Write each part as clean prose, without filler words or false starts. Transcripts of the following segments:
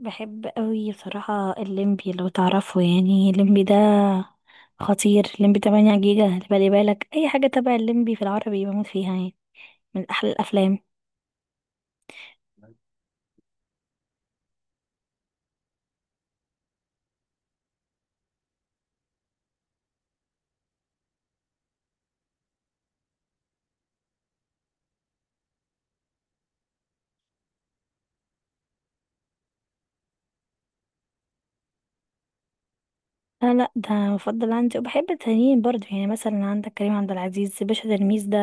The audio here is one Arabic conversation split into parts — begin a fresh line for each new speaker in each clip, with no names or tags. بحب قوي صراحة الليمبي لو تعرفه، يعني الليمبي ده خطير. الليمبي 8 جيجا اللي بالي بالك، اي حاجة تبع الليمبي في العربي بموت فيها يعني، من احلى الافلام. لا لا، ده مفضل عندي، وبحب التانيين برضه، يعني مثلا عندك كريم عبد العزيز، باشا تلميذ ده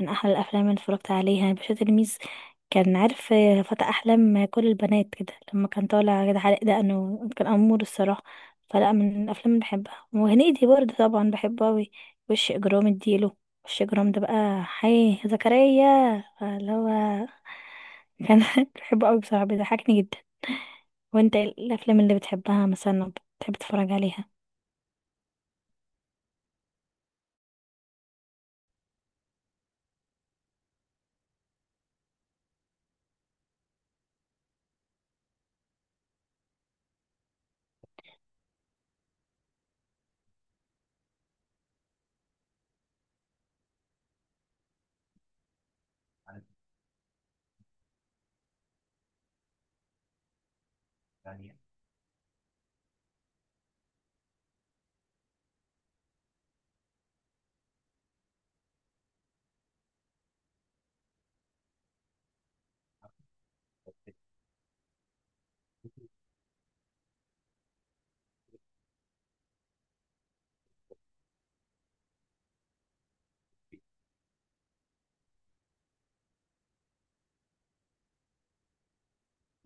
من أحلى الأفلام اللي اتفرجت عليها. باشا تلميذ، كان عارف، فتى أحلام كل البنات كده، لما كان طالع كده حلق دقنه كان أمور الصراحة. فلا، من الأفلام اللي بحبها. وهنيدي برضه طبعا بحبه أوي. وش إجرام اديله، وش إجرام ده بقى، حي زكريا، فاللي هو كان بحبه أوي بصراحة، بيضحكني جدا. وانت إيه الأفلام اللي بتحبها مثلا؟ بتحب تتفرج عليها؟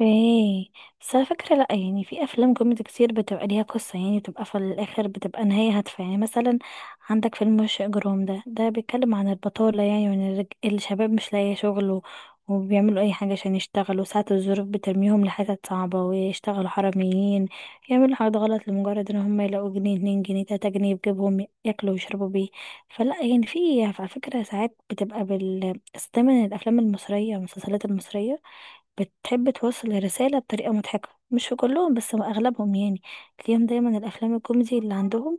ايه، بس على فكرة لأ، يعني في أفلام كوميدي كتير بتبقى ليها قصة، يعني بتبقى في الآخر بتبقى نهاية هادفة، يعني مثلا عندك فيلم وش إجرام ده، ده بيتكلم عن البطالة يعني، وإن الشباب مش لاقي شغل، وبيعملوا أي حاجة عشان يشتغلوا، ساعات الظروف بترميهم لحتت صعبة ويشتغلوا حراميين، يعملوا حاجات غلط لمجرد إن هم يلاقوا جنيه اتنين جنيه تلاتة جنيه، يجيبهم ياكلوا ويشربوا بيه. فلا يعني في على فكرة ساعات بتبقى بال، بس دايما الأفلام المصرية والمسلسلات المصرية بتحب توصل الرسالة بطريقة مضحكة، مش في كلهم بس أغلبهم، يعني تلاقيهم دايما الأفلام الكوميدي اللي عندهم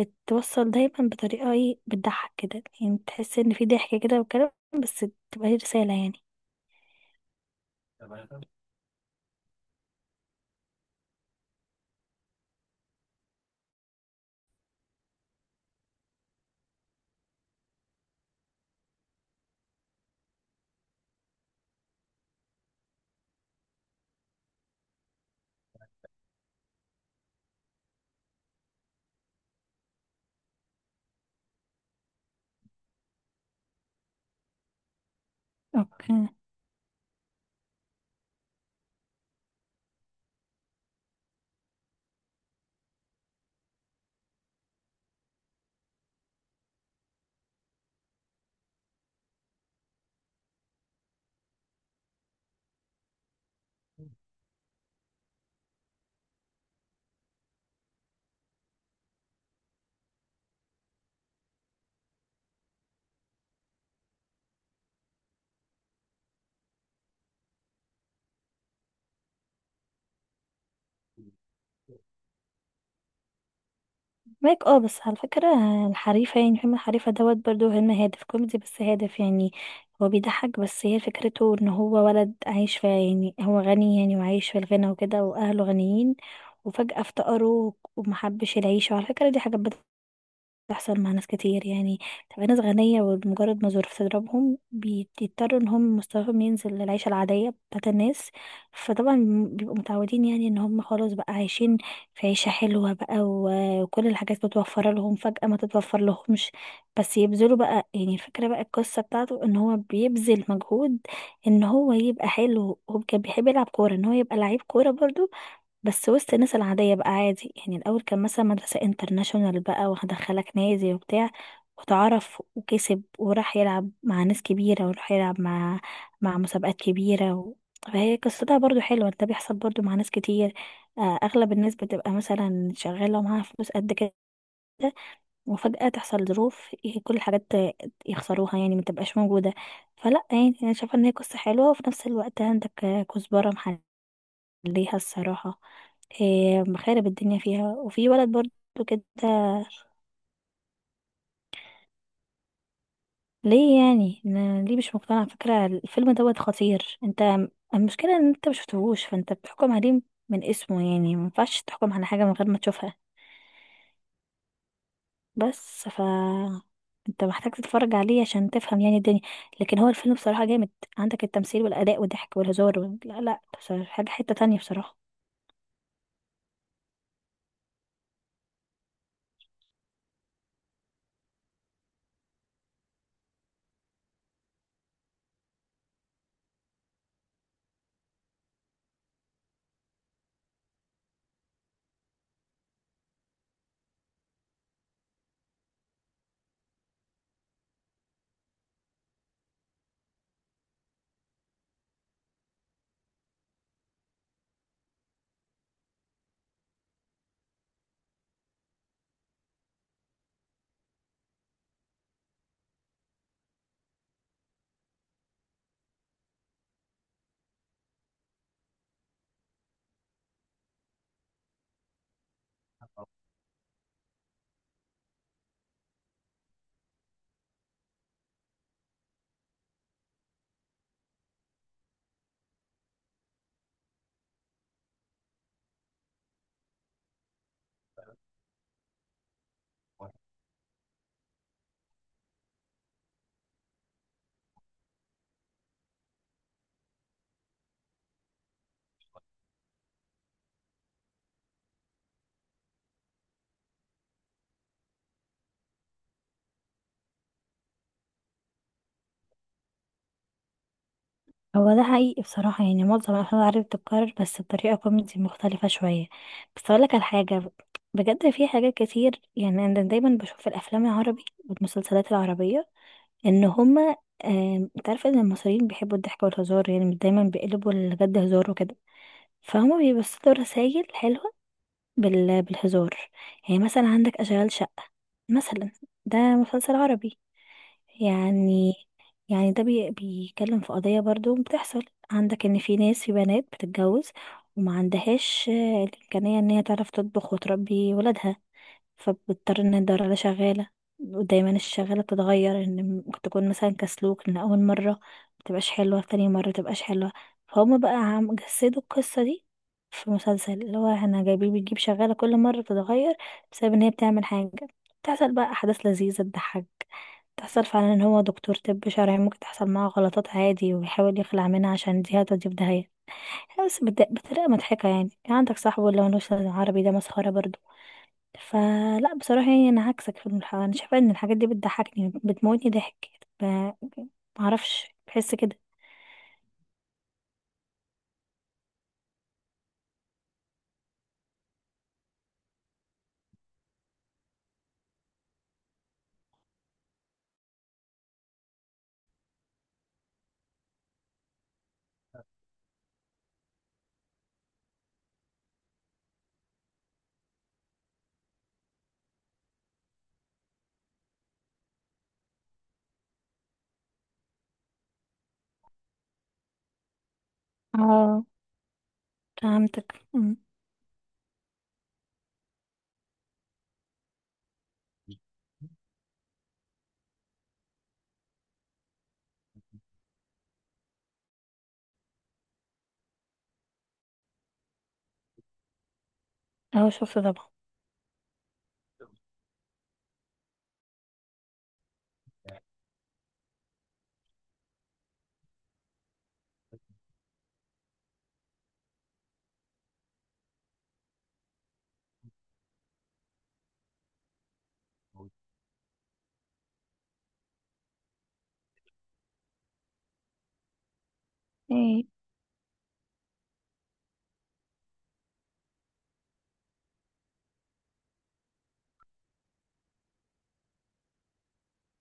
بتوصل دايما بطريقة ايه، بتضحك كده يعني، تحس إن في ضحك كده وكلام، بس تبقى هي رسالة يعني. اوكي. مايك اه، بس على فكرة الحريفة، يعني فيلم الحريفة دوت برضو فيلم هادف كوميدي، بس هادف يعني. هو بيضحك، بس هي فكرته ان هو ولد عايش في، يعني هو غني يعني وعايش في الغنى وكده واهله غنيين، وفجأة افتقروا ومحبش العيشة، وعلى فكرة دي حاجة بتحصل مع ناس كتير يعني. تبقى ناس غنية، ومجرد ما الظروف تضربهم بيضطروا ان هم مستواهم ينزل للعيشة العادية بتاعت الناس، فطبعا بيبقوا متعودين يعني ان هم خلاص بقى عايشين في عيشة حلوة بقى، وكل الحاجات متوفرة لهم، فجأة ما تتوفر لهمش، بس يبذلوا بقى، يعني الفكرة بقى، القصة بتاعته ان هو بيبذل مجهود ان هو يبقى حلو، هو كان بيحب يلعب كورة، ان هو يبقى لعيب كورة برضو، بس وسط الناس العادية بقى عادي يعني. الأول كان مثلا مدرسة انترناشونال بقى، وهدخلك نادي وبتاع وتعرف وكسب، وراح يلعب مع ناس كبيرة، وراح يلعب مع مسابقات كبيرة. فهي قصتها برضو حلوة، ده بيحصل برضو مع ناس كتير. آه، أغلب الناس بتبقى مثلا شغالة ومعاها فلوس قد كده، وفجأة تحصل ظروف، كل الحاجات يخسروها يعني، متبقاش موجودة. فلا يعني، أنا شايفة إن هي قصة حلوة، وفي نفس الوقت عندك آه، كزبرة ليها الصراحة، إيه مخارب الدنيا فيها، وفي ولد برضو كده. ليه يعني أنا ليه مش مقتنع؟ على فكرة الفيلم دوت خطير، انت المشكلة ان انت مشفتهوش، فانت بتحكم عليه من اسمه، يعني مينفعش تحكم على حاجة من غير ما تشوفها. بس ف انت محتاج تتفرج عليه عشان تفهم يعني الدنيا، لكن هو الفيلم بصراحة جامد، عندك التمثيل والأداء والضحك والهزار لا لا، بصراحة حاجة حتة تانية بصراحة. هو ده حقيقي بصراحة، يعني معظم الأفلام العربية بتتكرر، بس بطريقة كوميدي مختلفة شوية. بس أقولك على حاجة، بجد في حاجات كتير، يعني أنا دايما بشوف في الأفلام العربي والمسلسلات العربية إن هما، أنت عارفة إن المصريين بيحبوا الضحك والهزار، يعني دايما بيقلبوا الجد هزار وكده، فهما بيبصوا رسايل حلوة بالهزار، يعني مثلا عندك أشغال شقة مثلا، ده مسلسل عربي يعني. يعني ده بيتكلم في قضية برضو بتحصل، عندك ان في ناس، في بنات بتتجوز وما عندهاش آه، الإمكانية ان هي تعرف تطبخ وتربي ولادها، فبضطر ان ادور على شغالة، ودايما الشغالة بتتغير، ان تكون مثلا كسلوك، ان اول مرة متبقاش حلوة، تاني مرة متبقاش حلوة، فهم بقى عم جسدوا القصة دي في مسلسل اللي هو احنا جايبين بتجيب شغالة كل مرة بتتغير، بسبب ان هي بتعمل حاجة، بتحصل بقى احداث لذيذة تضحك، تحصل فعلا ان هو دكتور طب شرعي ممكن تحصل معاه غلطات عادي، ويحاول يخلع منها عشان دي هتوديه في داهية، بس بطريقة مضحكة، يعني عندك صاحبه اللي هو نوش عربي ده مسخرة برضه. فلا بصراحة يعني، أنا عكسك في أنا شايفة إن الحاجات دي بتضحكني، بتموتني ضحك، ب... معرفش بحس كده. اه، فهمتك أمم. أهو شفت طبعا. ايه،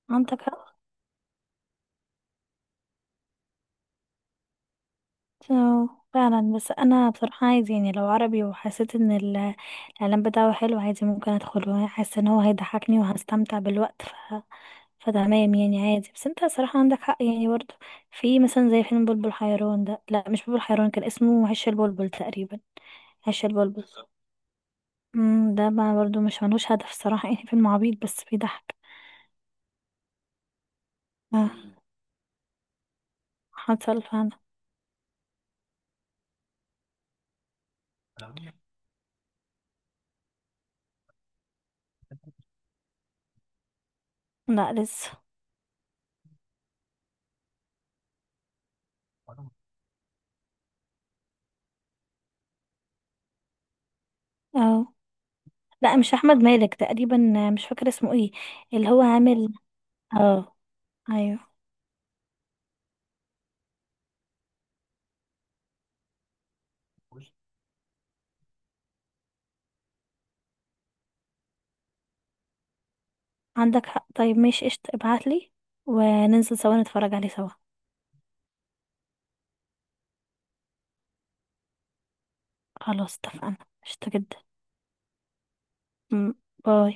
عندك حق. أه، فعلا، بس أنا بصراحة عايز، يعني لو عربي وحسيت إن الإعلان بتاعه حلو، عادي ممكن أدخله، حاسة إن هو هيضحكني وهستمتع بالوقت. فتمام يعني عادي، بس أنت صراحة عندك حق يعني برضه. في مثلا زي فيلم بلبل حيران ده، لا مش بلبل حيران، كان اسمه عش البلبل تقريبا. عيش البلبل، ده بقى برضو مش ملوش هدف صراحة، يعني فيلم عبيط بس بيضحك. آه، حصل فعلا. لا لسه. اه. لا مش احمد مالك تقريبا، آه، مش فاكر اسمه ايه، اللي هو عامل. اه، ايوه. عندك حق، طيب ماشي قشطة، ابعتلي وننزل سوا نتفرج عليه سوا، خلاص اتفقنا، قشطة جدا. مم، باي.